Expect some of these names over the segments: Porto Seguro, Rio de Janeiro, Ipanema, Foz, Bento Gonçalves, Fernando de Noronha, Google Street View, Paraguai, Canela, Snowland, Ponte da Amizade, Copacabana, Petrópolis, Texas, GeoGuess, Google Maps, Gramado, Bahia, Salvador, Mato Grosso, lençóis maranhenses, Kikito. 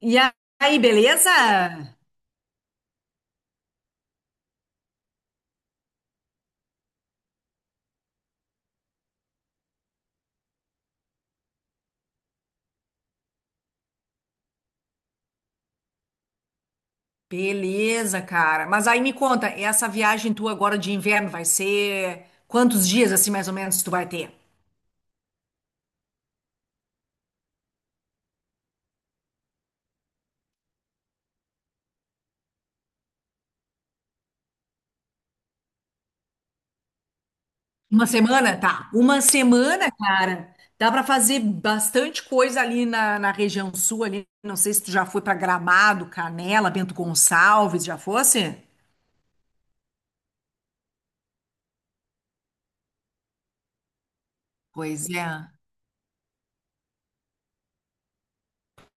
E aí, beleza? Beleza, cara. Mas aí me conta, essa viagem tua agora de inverno vai ser quantos dias assim mais ou menos tu vai ter? Uma semana? Tá. Uma semana, cara. Dá pra fazer bastante coisa ali na, na região sul ali. Não sei se tu já foi pra Gramado, Canela, Bento Gonçalves, já fosse? Pois é.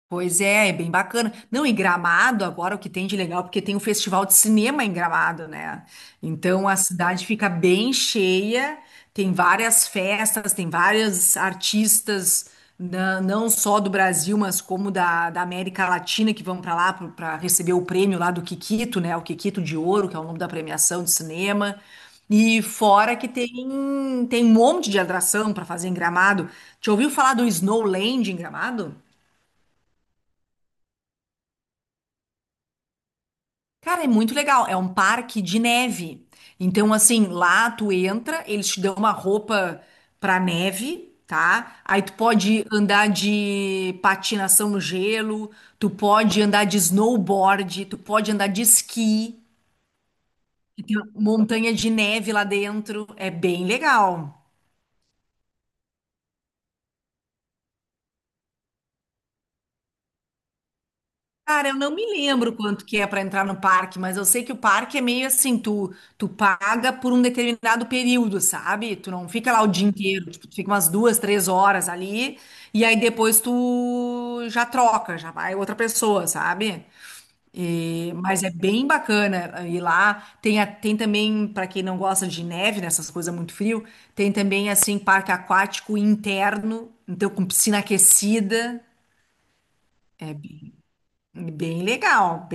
Pois é, é bem bacana. Não, e Gramado agora o que tem de legal, porque tem o festival de cinema em Gramado, né? Então a cidade fica bem cheia, tem várias festas, tem vários artistas, não só do Brasil, mas como da, da América Latina, que vão para lá para receber o prêmio lá do Kikito, né? O Kikito de Ouro, que é o nome da premiação de cinema. E fora que tem, tem um monte de atração para fazer em Gramado. Já ouviu falar do Snowland em Gramado? Cara, é muito legal. É um parque de neve. Então, assim, lá tu entra, eles te dão uma roupa pra neve, tá? Aí tu pode andar de patinação no gelo, tu pode andar de snowboard, tu pode andar de esqui, que tem montanha de neve lá dentro. É bem legal. Cara, eu não me lembro quanto que é para entrar no parque, mas eu sei que o parque é meio assim, tu paga por um determinado período, sabe? Tu não fica lá o dia inteiro, tipo, tu fica umas duas, três horas ali, e aí depois tu já troca, já vai outra pessoa, sabe? Mas é bem bacana ir lá. Tem, tem também, para quem não gosta de neve, nessas coisas muito frio, tem também assim parque aquático interno, então com piscina aquecida. É bem, bem legal.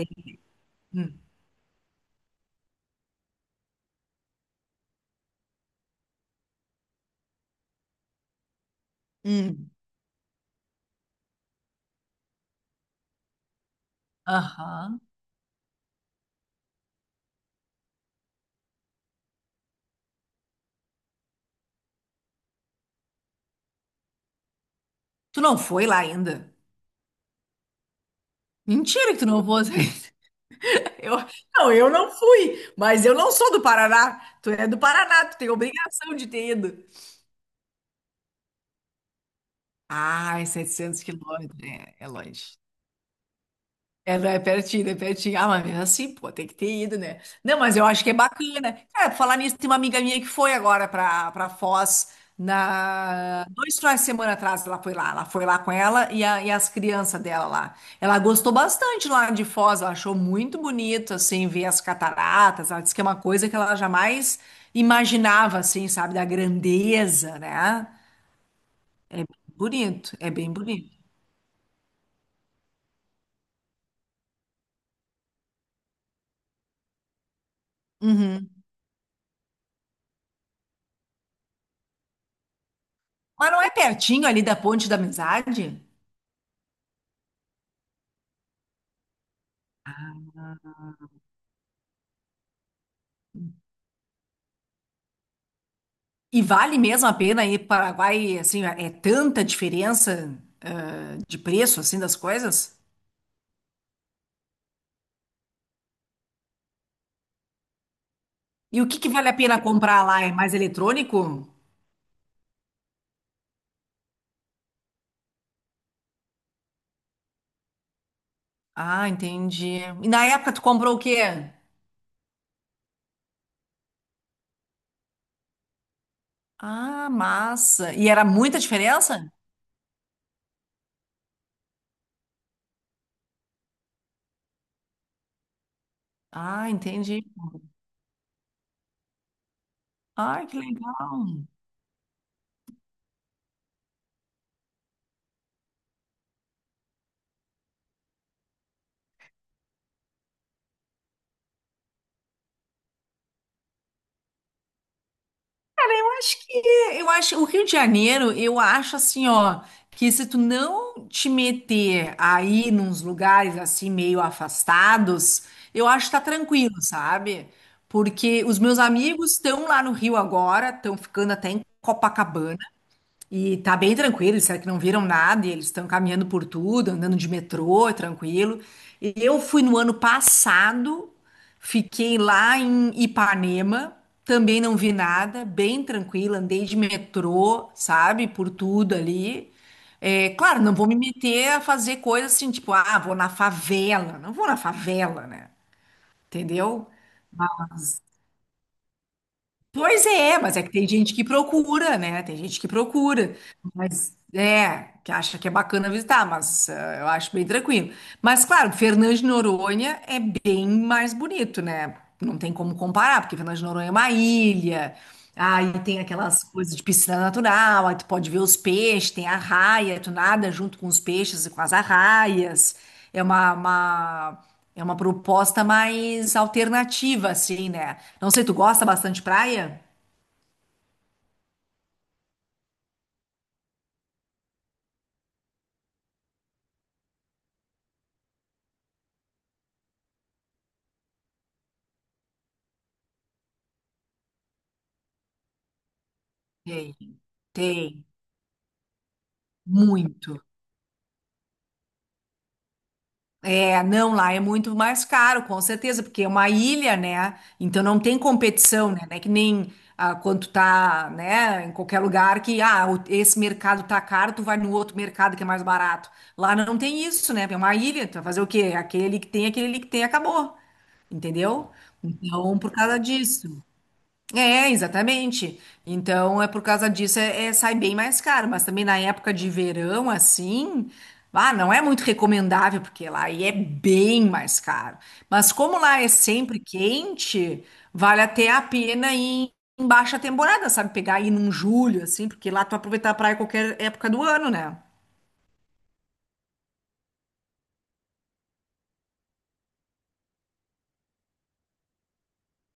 Hum. Aham. Tu não foi lá ainda? Mentira que tu não foi. Eu, não, eu não fui, mas eu não sou do Paraná. Tu é do Paraná, tu tem obrigação de ter ido. Ah, é 700 quilômetros, é, é longe. É, não, é pertinho, é pertinho. Ah, mas mesmo assim, pô, tem que ter ido, né? Não, mas eu acho que é bacana. Cara, pra falar nisso, tem uma amiga minha que foi agora pra, pra Foz dois finais de semana atrás. Ela foi lá com ela e, e as crianças dela lá. Ela gostou bastante lá de Foz, ela achou muito bonito, assim, ver as cataratas. Ela disse que é uma coisa que ela jamais imaginava, assim, sabe, da grandeza, né? É bonito, é bem bonito. Uhum. Mas não é pertinho ali da Ponte da Amizade? E vale mesmo a pena ir para o Paraguai, assim, é tanta diferença de preço, assim, das coisas? E o que que vale a pena comprar lá? É mais eletrônico? Ah, entendi. E na época tu comprou o quê? Ah, massa. E era muita diferença? Ah, entendi. Ah, que legal. Acho que eu acho o Rio de Janeiro, eu acho assim, ó, que se tu não te meter aí nos lugares assim meio afastados, eu acho que tá tranquilo, sabe? Porque os meus amigos estão lá no Rio agora, estão ficando até em Copacabana. E tá bem tranquilo, eles disseram que não viram nada, e eles estão caminhando por tudo, andando de metrô, é tranquilo. E eu fui no ano passado, fiquei lá em Ipanema, também não vi nada, bem tranquilo, andei de metrô, sabe, por tudo ali. É, claro, não vou me meter a fazer coisas assim, tipo, ah, vou na favela, não vou na favela, né? Entendeu? Pois é, mas é que tem gente que procura, né? Tem gente que procura, mas é, que acha que é bacana visitar, mas eu acho bem tranquilo. Mas claro, Fernando de Noronha é bem mais bonito, né? Não tem como comparar, porque Fernando de Noronha é uma ilha, ah, e tem aquelas coisas de piscina natural, aí tu pode ver os peixes, tem arraia, tu nada junto com os peixes e com as arraias. É uma, é uma proposta mais alternativa, assim, né? Não sei, tu gosta bastante de praia? Tem, tem, muito. É, não, lá é muito mais caro, com certeza, porque é uma ilha, né? Então não tem competição, né? Não é que nem ah, quando tu tá, né, em qualquer lugar que, ah, esse mercado tá caro, tu vai no outro mercado que é mais barato. Lá não tem isso, né? É uma ilha, tu vai fazer o quê? Aquele que tem, aquele ali que tem, acabou. Entendeu? Então, por causa disso. É, exatamente. Então, é por causa disso, é, sai bem mais caro. Mas também na época de verão, assim, ah, não é muito recomendável, porque lá aí é bem mais caro. Mas como lá é sempre quente, vale até a pena ir em baixa temporada, sabe? Pegar ir num julho, assim, porque lá tu aproveitar a praia qualquer época do ano, né?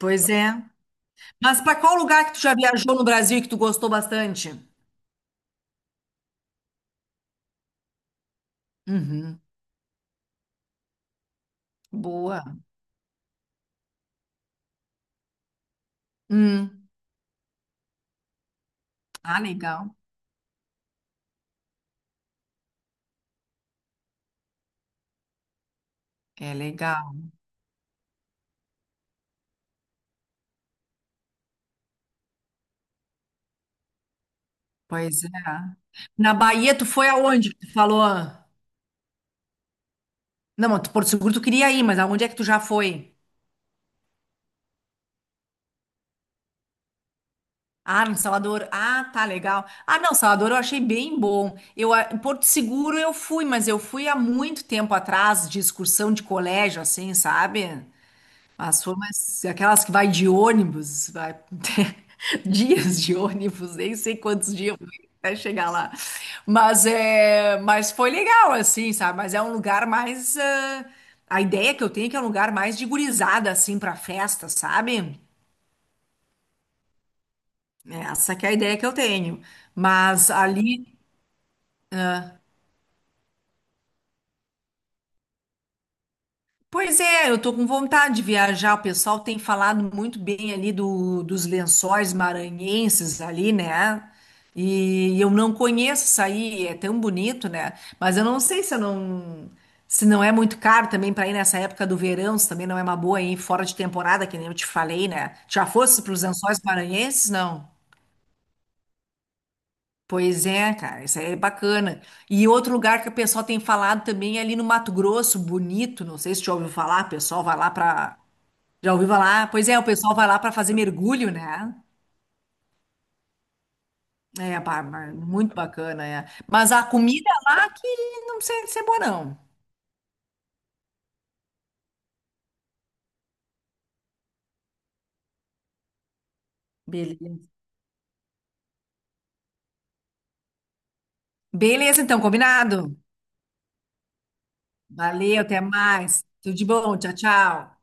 Pois é. Mas para qual lugar que tu já viajou no Brasil e que tu gostou bastante? Uhum. Boa. Hum. Ah, legal. É legal. Pois é. Na Bahia, tu foi aonde que tu falou? Não, mas tu- Porto Seguro tu queria ir, mas aonde é que tu já foi? Ah, no Salvador. Ah, tá legal. Ah, não, Salvador eu achei bem bom. Eu, em Porto Seguro eu fui, mas eu fui há muito tempo atrás, de excursão de colégio, assim, sabe? As formas, aquelas que vai de ônibus, vai ter dias de ônibus, nem sei quantos dias eu fui até chegar lá. Mas é, mas foi legal assim, sabe? Mas é um lugar mais ah, a ideia que eu tenho é que é um lugar mais de gurizada assim para festa, sabe? Essa que é a ideia que eu tenho. Mas ali pois é, eu tô com vontade de viajar. O pessoal tem falado muito bem ali do, dos lençóis maranhenses ali, né? E eu não conheço isso aí, é tão bonito, né? Mas eu não sei se eu não se não é muito caro também para ir nessa época do verão, se também não é uma boa ir fora de temporada, que nem eu te falei, né? Já fosse para os lençóis maranhenses, não? Pois é, cara, isso aí é bacana. E outro lugar que o pessoal tem falado também é ali no Mato Grosso, bonito, não sei se já ouviu falar, o pessoal vai lá para já ouvi falar? Pois é, o pessoal vai lá para fazer mergulho, né? É, pá, mas muito bacana, é. Mas a comida lá que não sei se é boa, não. Beleza. Beleza, então, combinado. Valeu, até mais. Tudo de bom, tchau, tchau.